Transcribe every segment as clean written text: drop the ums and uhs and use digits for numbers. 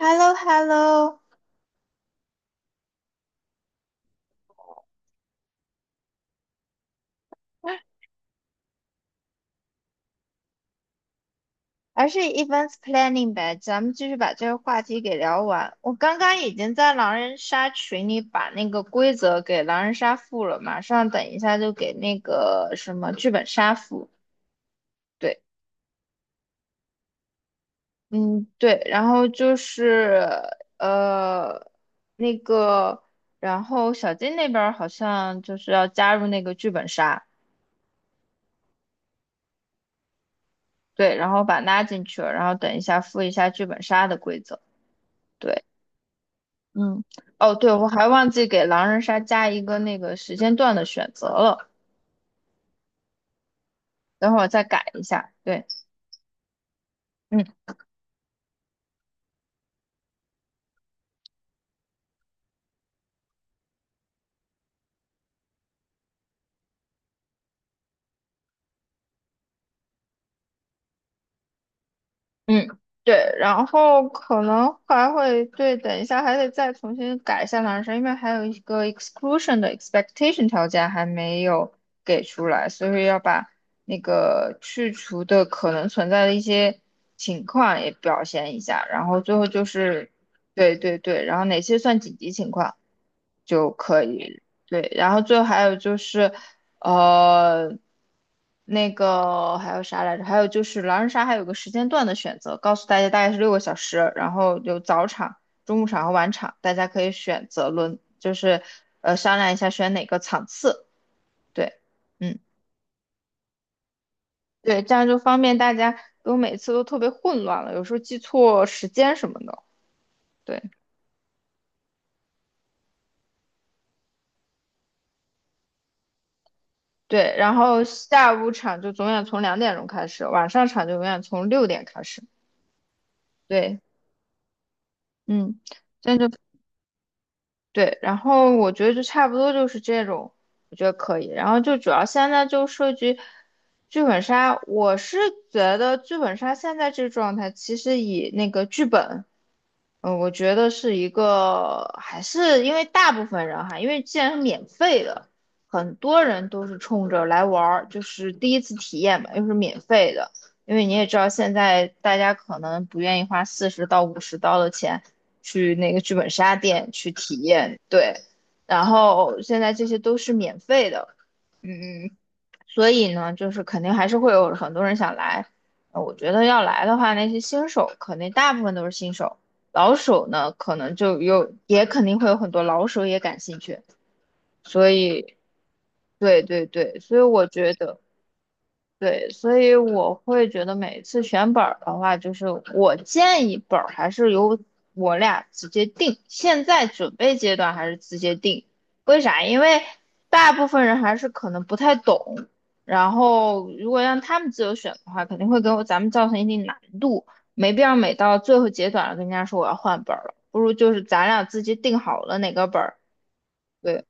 h e l l o h e l l o 而是 events planning 呗，咱们继续把这个话题给聊完。我刚刚已经在狼人杀群里把那个规则给狼人杀附了，马上等一下就给那个什么剧本杀附。对。嗯，对，然后就是呃那个,然后小金那边儿好像就是要加入那个剧本杀。对，然后把拉进去了，然后等一下附一下剧本杀的规则。对。嗯。哦，对，我还忘记给狼人杀加一个那个时间段的选择了，等会儿我再改一下。对。嗯。嗯，对，然后可能还会对，等一下还得再重新改一下男生，因为还有一个 exclusion 的 expectation 条件还没有给出来，所以要把那个去除的可能存在的一些情况也表现一下，然后最后就是，对对对，然后哪些算紧急情况就可以。对，然后最后还有就是。呃，那个还有啥来着？还有就是狼人杀还有个时间段的选择，告诉大家大概是6个小时，然后有早场、中午场和晚场，大家可以选择轮，就是商量一下选哪个场次。对。嗯，对，这样就方便大家，因为每次都特别混乱了，有时候记错时间什么的。对对，然后下午场就永远从2点钟开始，晚上场就永远从6点开始。对。嗯。这样就。对，然后我觉得就差不多就是这种，我觉得可以。然后就主要现在就涉及剧本杀，我是觉得剧本杀现在这个状态，其实以那个剧本嗯，我觉得是一个，还是因为大部分人哈，因为既然是免费的，很多人都是冲着来玩儿，就是第一次体验嘛，又是免费的。因为你也知道，现在大家可能不愿意花40到50刀的钱去那个剧本杀店去体验。对。然后现在这些都是免费的。嗯，所以呢，就是肯定还是会有很多人想来。我觉得要来的话，那些新手肯定大部分都是新手，老手呢可能就有，也肯定会有很多老手也感兴趣。所以，对对对，所以我觉得。对，所以我会觉得每次选本儿的话，就是我建议本儿还是由我俩直接定，现在准备阶段还是直接定。为啥？因为大部分人还是可能不太懂，然后如果让他们自由选的话，肯定会给我咱们造成一定难度，没必要每到最后阶段了跟人家说我要换本儿了，不如就是咱俩自己定好了哪个本儿。对。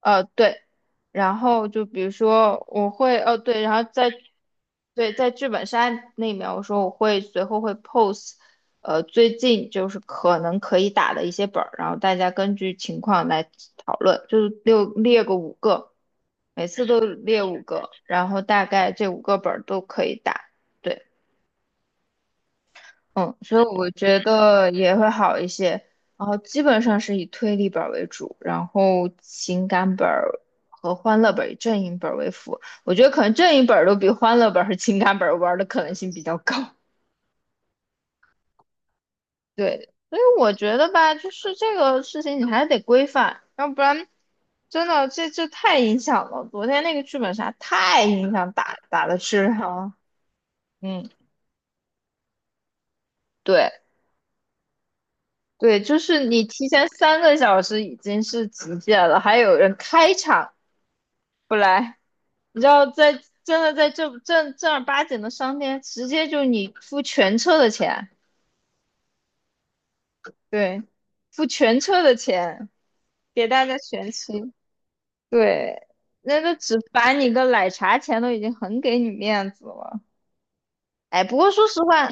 对，然后就比如说我会，对，然后在对在剧本杀那面，我说我会随后会 p o s e 最近就是可能可以打的一些本儿，然后大家根据情况来讨论，就是六列个五个，每次都列五个，然后大概这五个本儿都可以打。对。嗯，所以我觉得也会好一些。然后基本上是以推理本儿为主，然后情感本儿和欢乐本儿以阵营本儿为辅。我觉得可能阵营本儿都比欢乐本儿和情感本儿玩儿的可能性比较高。对，所以我觉得吧，就是这个事情你还得规范，要不然真的这太影响了。昨天那个剧本杀太影响打的质量了。嗯。对。对，就是你提前3个小时已经是极限了，还有人开场不来，你知道在真的在这正正儿八经的商店，直接就你付全车的钱。对，付全车的钱给大家全清。对，那个只罚你个奶茶钱都已经很给你面子了。哎，不过说实话。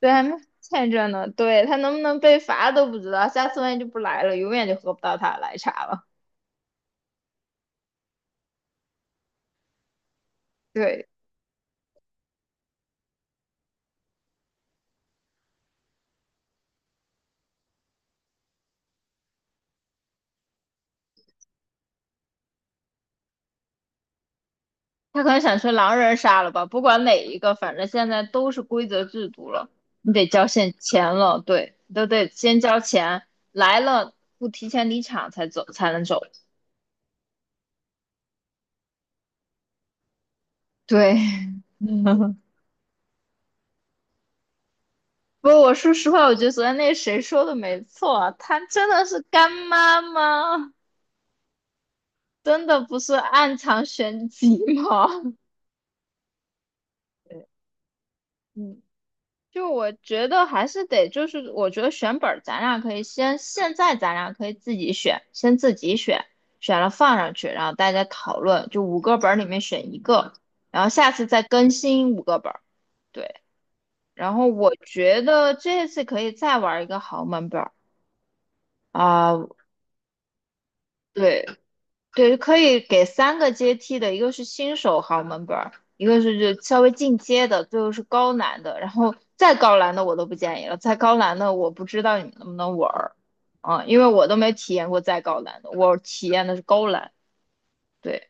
对，还没欠着呢。对，他能不能被罚都不知道，下次万一就不来了，永远就喝不到他的奶茶了。对。他可能想去狼人杀了吧？不管哪一个，反正现在都是规则制度了，你得交现钱了。对，你都得先交钱，来了不提前离场才走才能走。对，嗯不过我说实话，我觉得昨天那谁说的没错啊他真的是干妈吗？真的不是暗藏玄机吗？对。嗯。就我觉得还是得，就是我觉得选本儿，咱俩可以先，现在咱俩可以自己选，先自己选，选了放上去，然后大家讨论，就五个本儿里面选一个，然后下次再更新五个本儿。对。然后我觉得这次可以再玩一个豪门本儿啊。对。对，可以给3个阶梯的，一个是新手豪门本儿，一个是就稍微进阶的，最后是高难的，然后再高难的我都不建议了，再高难的我不知道你们能不能玩儿，啊，因为我都没体验过再高难的，我体验的是高难。对，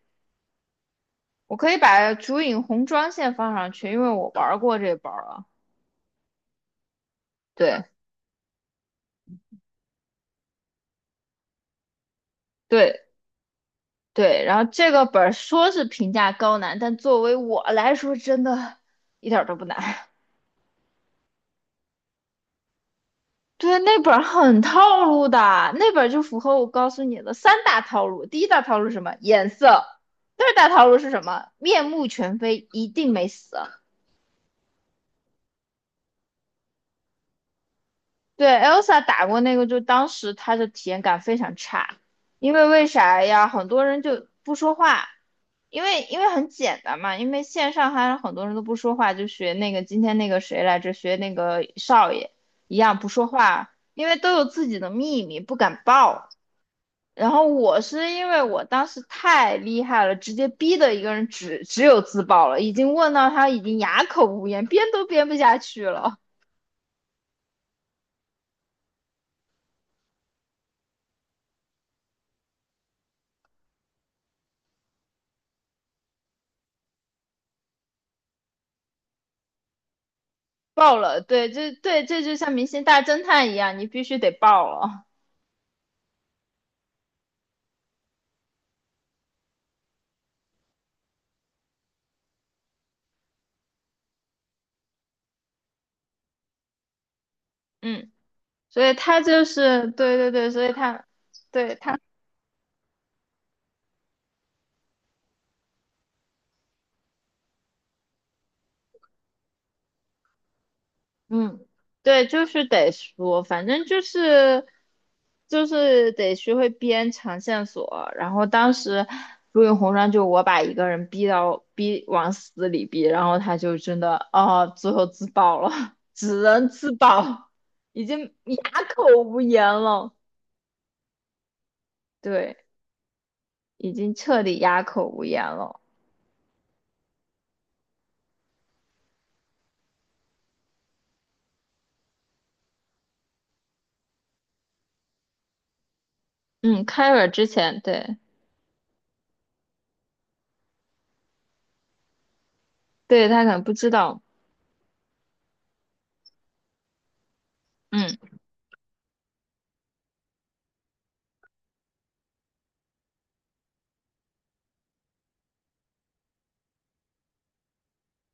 我可以把竹影红妆线放上去，因为我玩儿过这本儿啊。对对对，然后这个本儿说是评价高难，但作为我来说，真的一点儿都不难。对，那本儿很套路的，那本儿就符合我告诉你的三大套路。第一大套路是什么？颜色。第二大套路是什么？面目全非，一定没死。对，Elsa 打过那个，就当时她的体验感非常差，因为为啥呀？很多人就不说话，因为很简单嘛，因为线上还有很多人都不说话，就学那个今天那个谁来着，学那个少爷一样不说话，因为都有自己的秘密，不敢报。然后我是因为我当时太厉害了，直接逼的一个人只有自爆了，已经问到他已经哑口无言，编都编不下去了，爆了。对，这就像明星大侦探一样，你必须得爆了。嗯，所以他就是对对对，所以他对他。嗯，对，就是得说，反正就是得学会编长线索。然后当时如影红妆，就我把一个人逼到逼往死里逼，然后他就真的哦，最后自爆了，只能自爆，已经哑口无言了。对，已经彻底哑口无言了。嗯，开尔之前。对。对，他可能不知道。嗯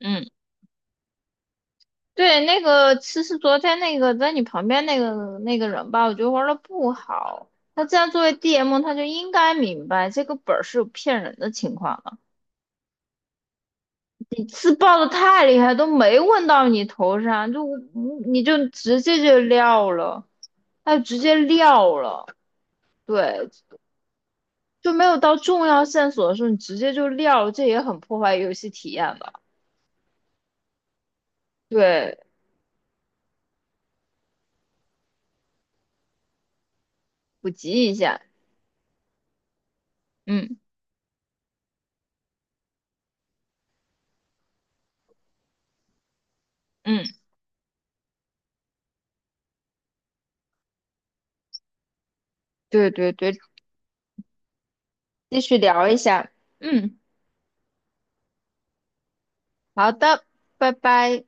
嗯。对，那个其实昨天那个在你旁边那个人吧，我觉得玩的不好。他既然作为 DM,他就应该明白这个本儿是有骗人的情况的。你自爆的太厉害，都没问到你头上，就你就直接就撂了，他就直接撂了。对，就没有到重要线索的时候，你直接就撂了，这也很破坏游戏体验的。对，普及一下。嗯嗯。对对对，继续聊一下。嗯。好的，拜拜。